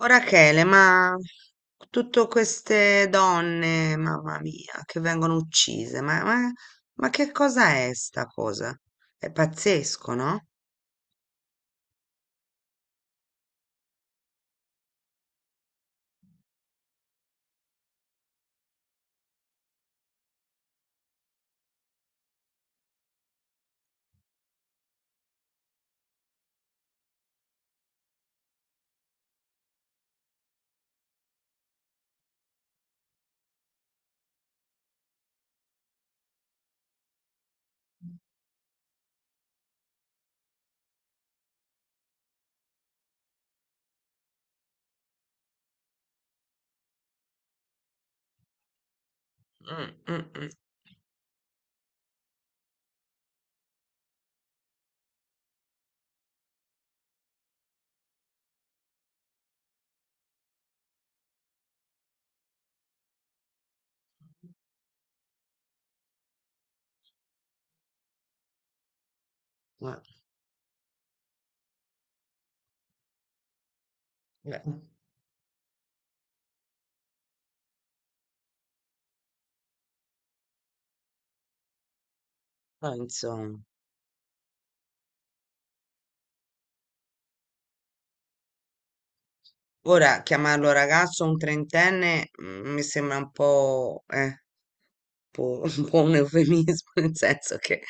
Oh, Rachele, ma tutte queste donne, mamma mia, che vengono uccise, ma che cosa è sta cosa? È pazzesco, no? Mm, mm, mm. Ma- beh, ma insomma, ora chiamarlo ragazzo un trentenne mi sembra un po', po' un po' un eufemismo, nel senso che,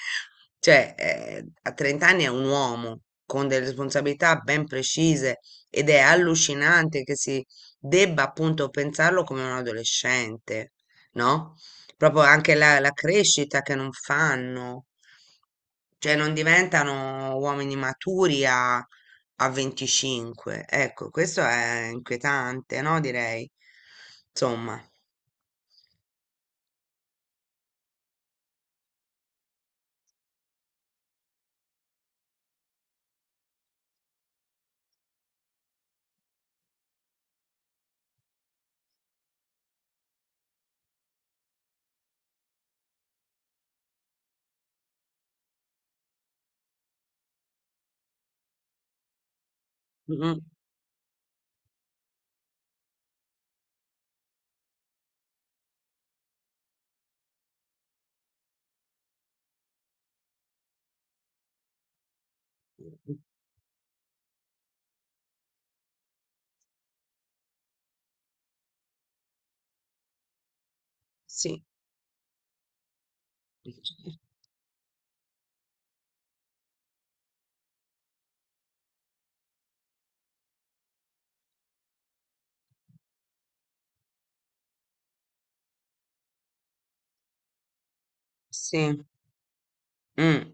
cioè, a 30 anni è un uomo con delle responsabilità ben precise ed è allucinante che si debba appunto pensarlo come un adolescente, no? Proprio anche la crescita che non fanno, cioè non diventano uomini maturi a 25. Ecco, questo è inquietante, no? Direi. Insomma. Mm, mm. Sì. Sì, mm,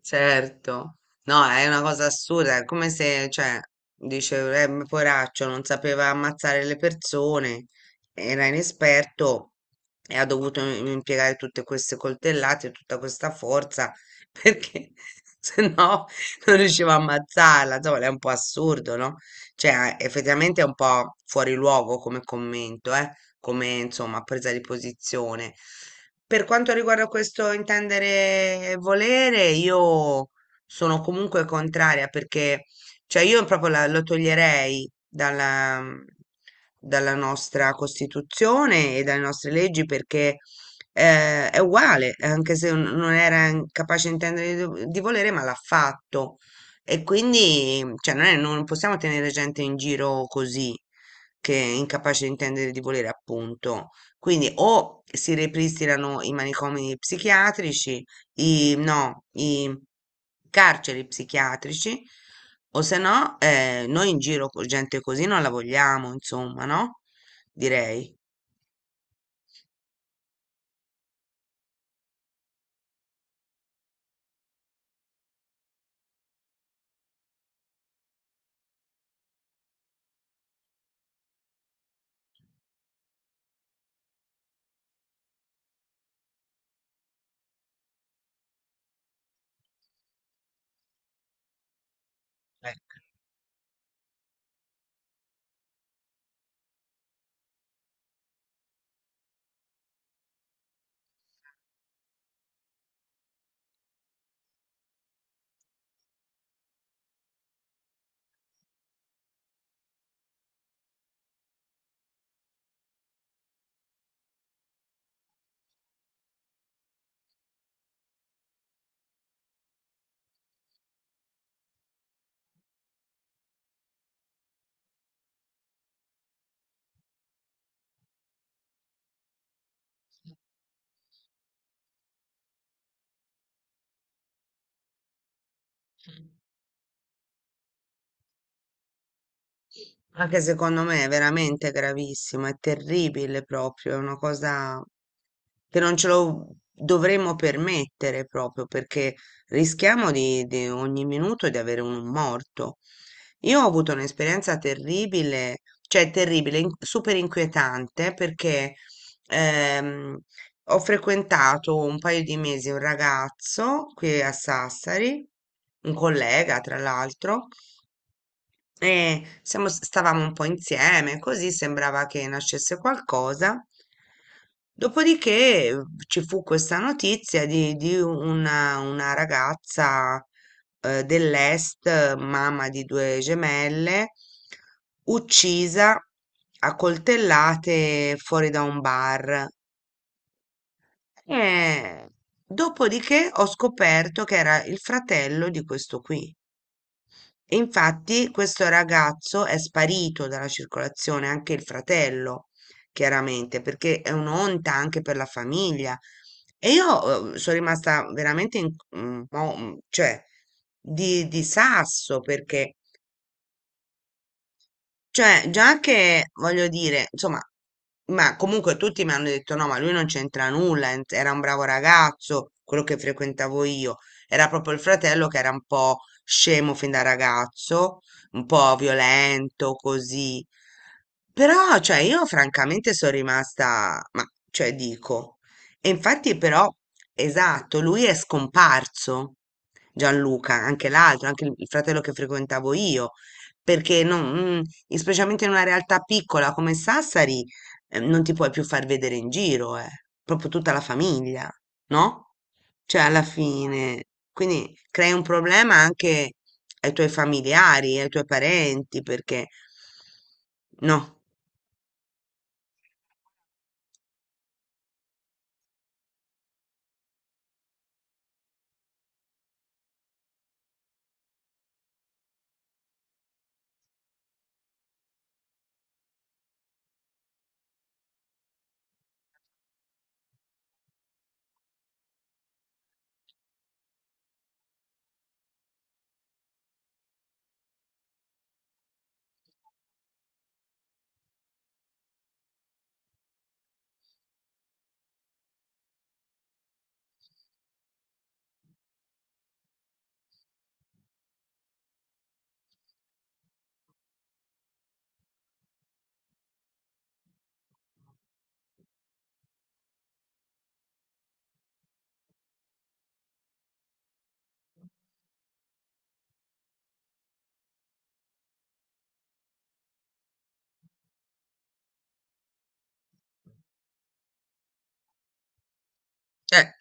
certo. No, è una cosa assurda, è come se, cioè, dice, ma poraccio, non sapeva ammazzare le persone, era inesperto e ha dovuto impiegare tutte queste coltellate, tutta questa forza, perché se no non riusciva a ammazzarla. Insomma, è un po' assurdo, no? Cioè, effettivamente è un po' fuori luogo come commento, come insomma presa di posizione. Per quanto riguarda questo intendere e volere, io sono comunque contraria perché cioè io proprio lo toglierei dalla, dalla nostra Costituzione e dalle nostre leggi perché è uguale, anche se non era capace di intendere di di volere, ma l'ha fatto. E quindi, cioè, non possiamo tenere gente in giro così. Che è incapace di intendere e di volere, appunto. Quindi o si ripristinano i manicomi psichiatrici, i carceri psichiatrici, o se no, noi in giro con gente così non la vogliamo, insomma, no? Direi. Anche secondo me è veramente gravissimo, è terribile proprio, è una cosa che non ce lo dovremmo permettere proprio perché rischiamo di ogni minuto di avere un morto. Io ho avuto un'esperienza terribile, cioè terribile, super inquietante perché ehm, ho frequentato un paio di mesi un ragazzo qui a Sassari, un collega tra l'altro. E stavamo un po' insieme, così sembrava che nascesse qualcosa. Dopodiché ci fu questa notizia di una ragazza dell'est, mamma di due gemelle, uccisa a coltellate fuori da un bar. E dopodiché ho scoperto che era il fratello di questo qui. E infatti questo ragazzo è sparito dalla circolazione, anche il fratello, chiaramente, perché è un'onta anche per la famiglia. E io sono rimasta veramente in, cioè, di sasso perché cioè, già che voglio dire, insomma, ma comunque tutti mi hanno detto no, ma lui non c'entra nulla, era un bravo ragazzo, quello che frequentavo io, era proprio il fratello che era un po' scemo fin da ragazzo, un po' violento, così. Però, cioè, io francamente sono rimasta, ma, cioè, dico, e infatti però, esatto, lui è scomparso, Gianluca, anche l'altro, anche il fratello che frequentavo io perché specialmente in una realtà piccola come Sassari, non ti puoi più far vedere in giro, proprio tutta la famiglia, no? Cioè, alla fine, quindi crei un problema anche ai tuoi familiari, ai tuoi parenti, perché no, eh,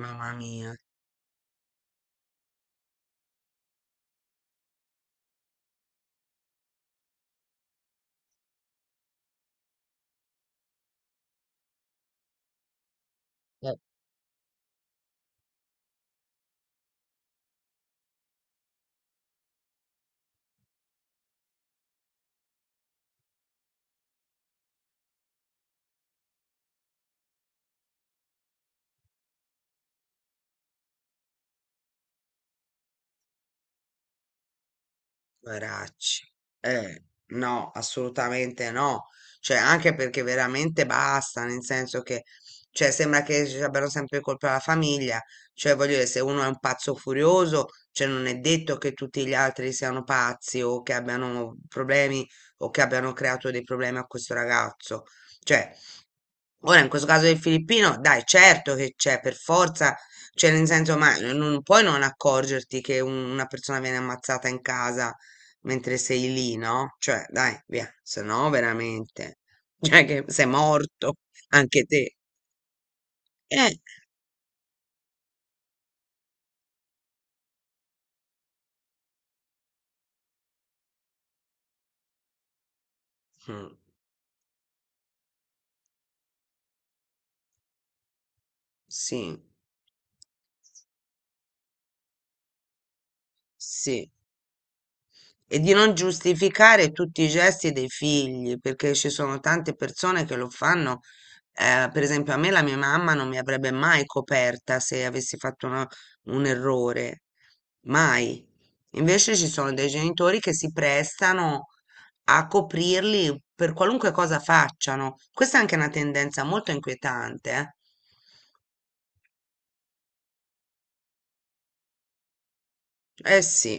mamma mia. Poveracci. Eh, no, assolutamente no. Cioè, anche perché veramente basta, nel senso che, cioè, sembra che ci abbiano sempre colpa la famiglia. Cioè, voglio dire, se uno è un pazzo furioso, cioè, non è detto che tutti gli altri siano pazzi o che abbiano problemi o che abbiano creato dei problemi a questo ragazzo. Cioè, ora, in questo caso del filippino, dai, certo che c'è, per forza, cioè nel senso, ma non puoi non accorgerti che una persona viene ammazzata in casa mentre sei lì, no? Cioè, dai, via, se no veramente, cioè che sei morto, anche te. Eh, mm, sì, sì. E di non giustificare tutti i gesti dei figli, perché ci sono tante persone che lo fanno. Per esempio, a me la mia mamma non mi avrebbe mai coperta se avessi fatto un errore, mai. Invece ci sono dei genitori che si prestano a coprirli per qualunque cosa facciano. Questa è anche una tendenza molto inquietante, eh? Eh sì.